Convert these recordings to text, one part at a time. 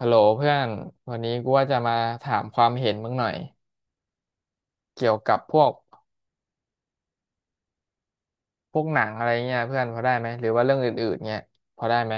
ฮัลโหลเพื่อนวันนี้กูว่าจะมาถามความเห็นมึงหน่อยเกี่ยวกับพวกหนังอะไรเงี้ยเพื่อนพอได้ไหมหรือว่าเรื่องอื่นๆเงี้ยพอได้ไหม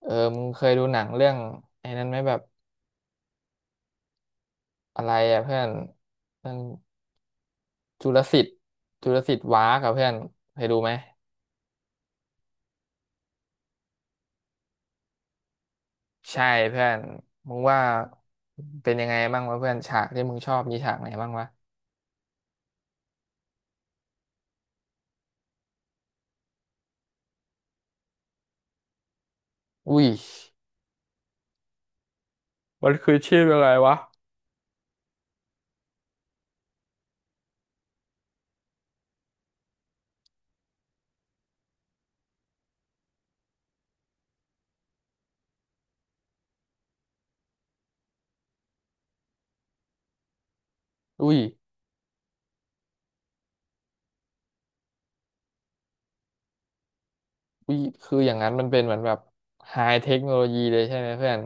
เออมึงเคยดูหนังเรื่องไอ้นั้นไหมแบบอะไรอ่ะเพื่อนเรื่องจุลศิษย์จุลศิษย์ว้าร์กับเพื่อนเคยดูไหมใช่เพื่อนมึงว่าเป็นยังไงบ้างวะเพื่อนฉากที่มึงชอบมีฉากไหนบ้างวะอุ้ยมันคือชื่ออะไรวะอุ้ยอุ้ยคืออย่างนั้นมันเป็นเหมือนแบบไฮเทคโนโลยีเลยใช่ไหมเพื่อน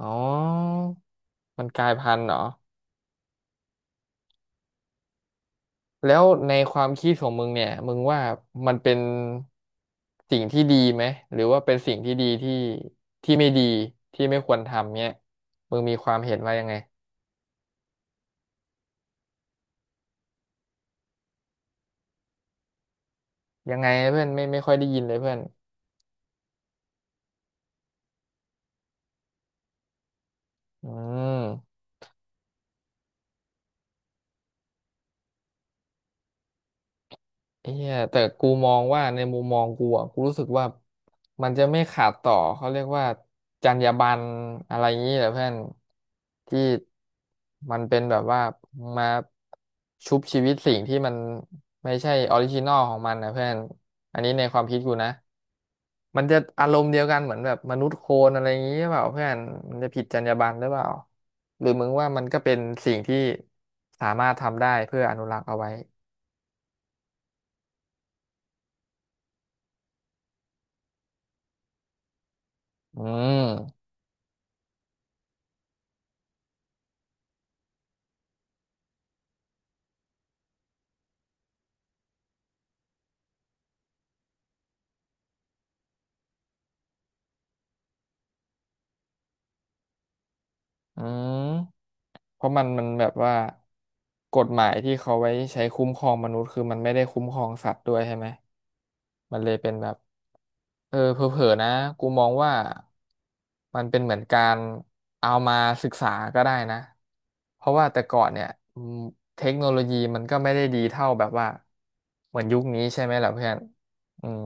อ๋อมันกลายพันธุ์เหรอแล้วในความคิดของมึงเนี่ยมึงว่ามันเป็นสิ่งที่ดีไหมหรือว่าเป็นสิ่งที่ดีที่ไม่ดีที่ไม่ควรทำเนี่ยมึงมีความเห็นว่ายังไงยังไงเพื่อนไม่ค่อยได้ยินเลยเพื่อนอืม ไอ้เหี้ยแต่กูมองว่าในมุมมองกูอ่ะกูรู้สึกว่ามันจะไม่ขาดต่อเขาเรียกว่าจรรยาบรรณอะไรอย่างนี้แหละเพื่อนที่มันเป็นแบบว่ามาชุบชีวิตสิ่งที่มันไม่ใช่ออริจินอลของมันนะเพื่อนอันนี้ในความคิดกูนะมันจะอารมณ์เดียวกันเหมือนแบบมนุษย์โคลนอะไรอย่างนี้หรือเปล่าเพื่อนมันจะผิดจรรยาบรรณหรือเปล่าหรือมึงว่ามันก็เป็นสิ่งที่สามารถทำได้เพื่ออนุรักษ์เอาไว้อืม อืมเพราะมันแบบว่ากฎหมายที่เขาไว้ใช้คุ้มครองมนุษย์คือมันไม่ได้คุ้มครองสัตว์ด้วยใช่ไหมมันเลยเป็นแบบเออเผลอๆนะกูมองว่ามันเป็นเหมือนการเอามาศึกษาก็ได้นะเพราะว่าแต่ก่อนเนี่ยอืมเทคโนโลยีมันก็ไม่ได้ดีเท่าแบบว่าเหมือนยุคนี้ใช่ไหมล่ะเพื่อนอืม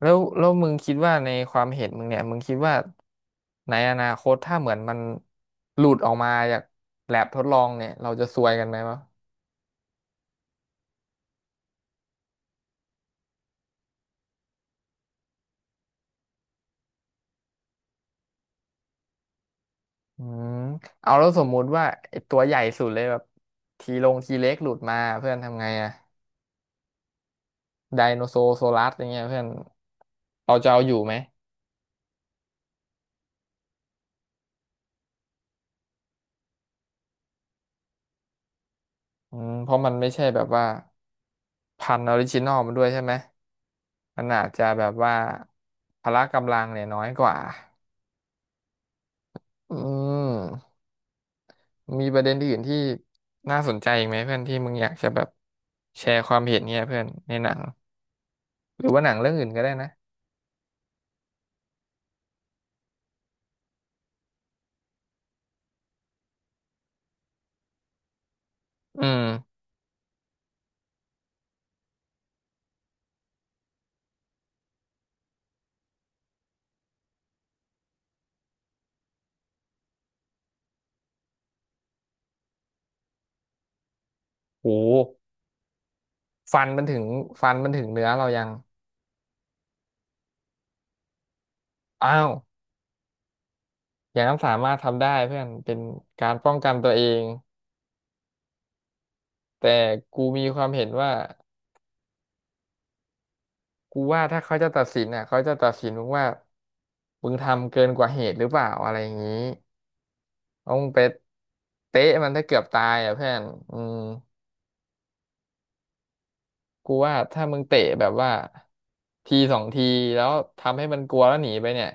แล้วมึงคิดว่าในความเห็นมึงเนี่ยมึงคิดว่าในอนาคตถ้าเหมือนมันหลุดออกมาจากแลบทดลองเนี่ยเราจะซวยกันไหมวะอืมเอาแล้วสมมุติว่าไอ้ตัวใหญ่สุดเลยแบบทีลงทีเล็กหลุดมาเพื่อนทำไงอะไดโนโซโซลัสอย่างเงี้ยเพื่อนเราจะเอาอยู่ไหมอืมเพราะมันไม่ใช่แบบว่าพันธุ์ออริจินอลมันด้วยใช่ไหมมันอาจจะแบบว่าพละกำลังเนี่ยน้อยกว่าอืม มีประเด็นอื่นที่น่าสนใจอีกไหมเพื่อนที่มึงอยากจะแบบแชร์ความเห็นเนี่ยเพื่อนในหนังหรือว่าหนังเรื่องอื่นก็ได้นะอืมโหฟันมันถึงฟันมันถึงเนื้อเรายังอ้าวอย่างนั้นสามารถทำได้เพื่อนเป็นการป้องกันตัวเองแต่กูมีความเห็นว่ากูว่าถ้าเขาจะตัดสินอ่ะเขาจะตัดสินมึงว่ามึงทำเกินกว่าเหตุหรือเปล่าอะไรอย่างนี้ต้องไปเตะมันถ้าเกือบตายอ่ะเพื่อนอืม กูว่าถ้ามึงเตะแบบว่าทีสองทีแล้วทำให้มันกลัวแล้วหนีไปเนี่ย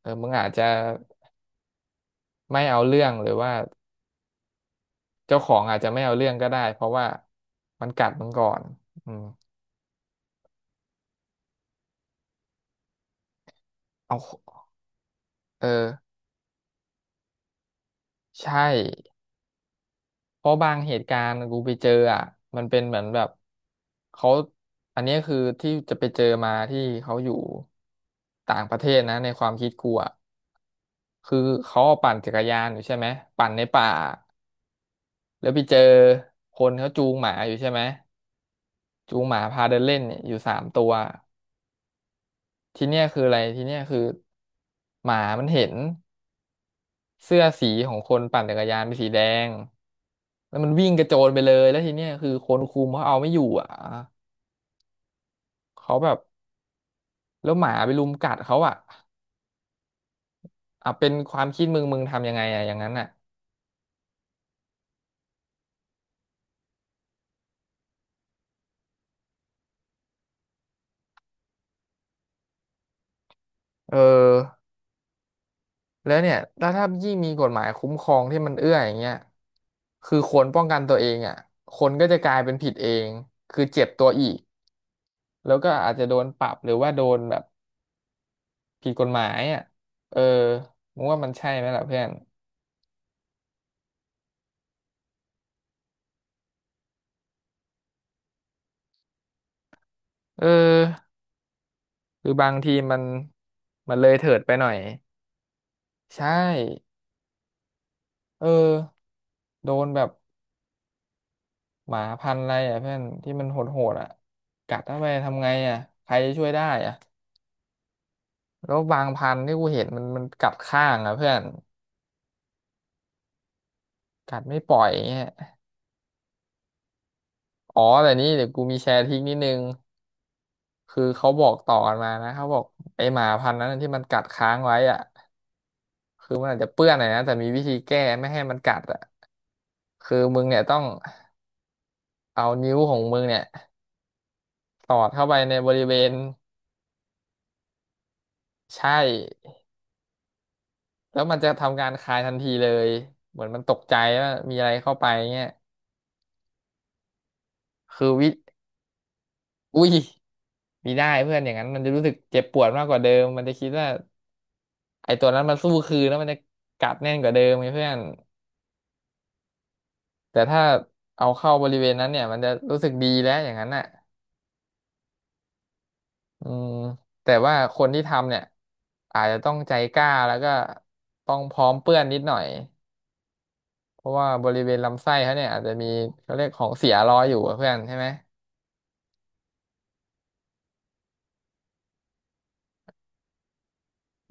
เออมึงอาจจะไม่เอาเรื่องหรือว่าเจ้าของอาจจะไม่เอาเรื่องก็ได้เพราะว่ามันกัดมึงก่อนอืมเอาเออใช่เพราะบางเหตุการณ์กูไปเจออ่ะมันเป็นเหมือนแบบเขาอันนี้คือที่จะไปเจอมาที่เขาอยู่ต่างประเทศนะในความคิดกูอ่ะคือเขาปั่นจักรยานอยู่ใช่ไหมปั่นในป่า แล้วไปเจอคนเขาจูงหมาอยู่ใช่ไหมจูงหมาพาเดินเล่นเนี่ยอยู่สามตัว ทีเนี้ยคืออะไรทีเนี้ยคือหมามันเห็นเสื้อสีของคนปั่นจักรยานเป็นสีแดงแล้วมันวิ่งกระโจนไปเลยแล้วทีเนี้ยคือคนคุมเขาเอาไม่อยู่อ่ะเขาแบบแล้วหมาไปรุมกัดเขาอ่ะอ่ะเป็นความคิดมึงทำยังไงอ่ะอย่างนั้นอ่ะเออ แล้วเนี่ยถ้ายิ่งมีกฎหมายคุ้มครองที่มันเอื้ออย่างเงี้ยคือคนป้องกันตัวเองอ่ะคนก็จะกลายเป็นผิดเอง คือเจ็บตัวอีก แล้วก็อาจจะโดนปรับหรือว่าโดนแบบผิดกฎหมายอ่ะเออมึงว่ามันใช่ไหมล่ะเพื่อนเออหรือบางทีมันมันเลยเถิดไปหน่อย ใช่ เออโดนแบบหมาพันธุ์อะไรอ่ะเพื่อนที่มันโหดๆอ่ะกัดเข้าไปทำไงอ่ะใครจะช่วยได้อ่ะ แล้วบางพันธุ์ที่กูเห็นมันกัดข้างอ่ะเพื่อนกัดไม่ปล่อยเงี้ยอ๋อแต่นี่เดี๋ยวกูมีแชร์ทริกนิดนึงคือเขาบอกต่อกันมานะเขาบอกไอหมาพันธุ์นั้นที่มันกัดค้างไว้อ่ะคือมันอาจจะเปื้อนหน่อยนะแต่มีวิธีแก้ไม่ให้มันกัดอ่ะคือมึงเนี่ยต้องเอานิ้วของมึงเนี่ยสอดเข้าไปในบริเวณใช่แล้วมันจะทำการคายทันทีเลยเหมือนมันตกใจว่ามีอะไรเข้าไปเงี้ยคือวิ อุ้ยมีได้เพื่อนอย่างนั้นมันจะรู้สึกเจ็บปวดมากกว่าเดิมมันจะคิดว่าไอ้ตัวนั้นมันสู้คืนแล้วมันจะกัดแน่นกว่าเดิมไงเพื่อนแต่ถ้าเอาเข้าบริเวณนั้นเนี่ยมันจะรู้สึกดีแล้วอย่างนั้นน่ะอืมแต่ว่าคนที่ทำเนี่ยอาจจะต้องใจกล้าแล้วก็ต้องพร้อมเปื้อนนิดหน่อยเพราะว่าบริเวณลำไส้เขาเนี่ยอาจจะมีเขาเรียกของเสียรออยู่อะเพื่อนใช่ไหม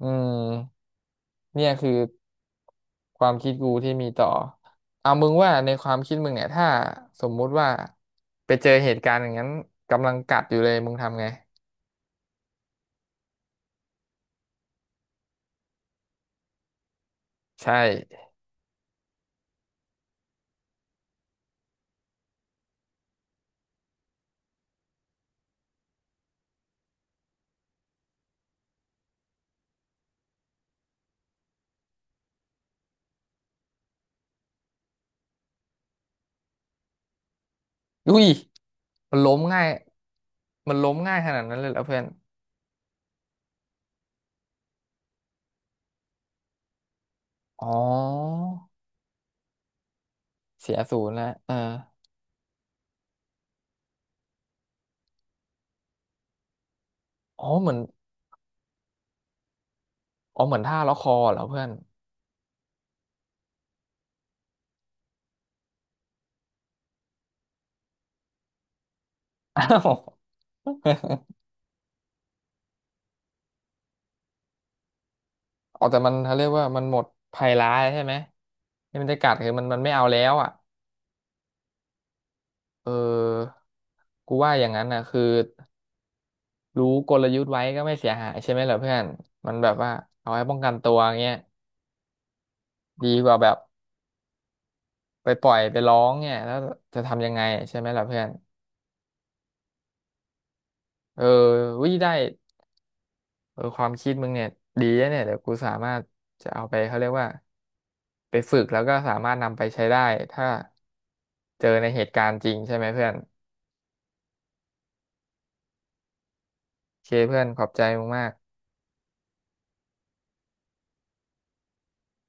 อืม เนี่ยคือความคิดกูที่มีต่อ เอามึงว่าในความคิดมึงเนี่ยถ้าสมมุติว่าไปเจอเหตุการณ์อย่างนั้นกำลังกัดอยู่เลยมึงทำไงใช่อุ้ยมันล้มง่ายมันล้มง่ายขนาดนั้นเลยเหรอเพื่อนอ๋อเสียศูนย์แล้วเอออ๋อเหมือนอ๋อเหมือนท่าล็อกคอเหรอเพื่อน อ้าว อ๋อแต่มันเขาเรียกว่ามันหมดภัยร้ายใช่ไหมที่มันจะกัดคือมันไม่เอาแล้วอ่ะ เออกูว่าอย่างนั้นนะคือรู้กลยุทธ์ไว้ก็ไม่เสียหายใช่ไหมเหรอเพื่อนมันแบบว่าเอาไว้ป้องกันตัวเงี้ยดีกว่าแบบไปปล่อยไปร้องเนี่ยแล้วจะทำยังไงใช่ไหมล่ะเพื่อนเออวิได้เออความคิดมึงเนี่ยดีนะเนี่ยเดี๋ยวกูสามารถจะเอาไปเขาเรียกว่าไปฝึกแล้วก็สามารถนำไปใช้ได้ถ้าเจอในเหตุการณ์จริงใช่ไหมเพื่อนโอเคเพื่อนขอบใจมึงมาก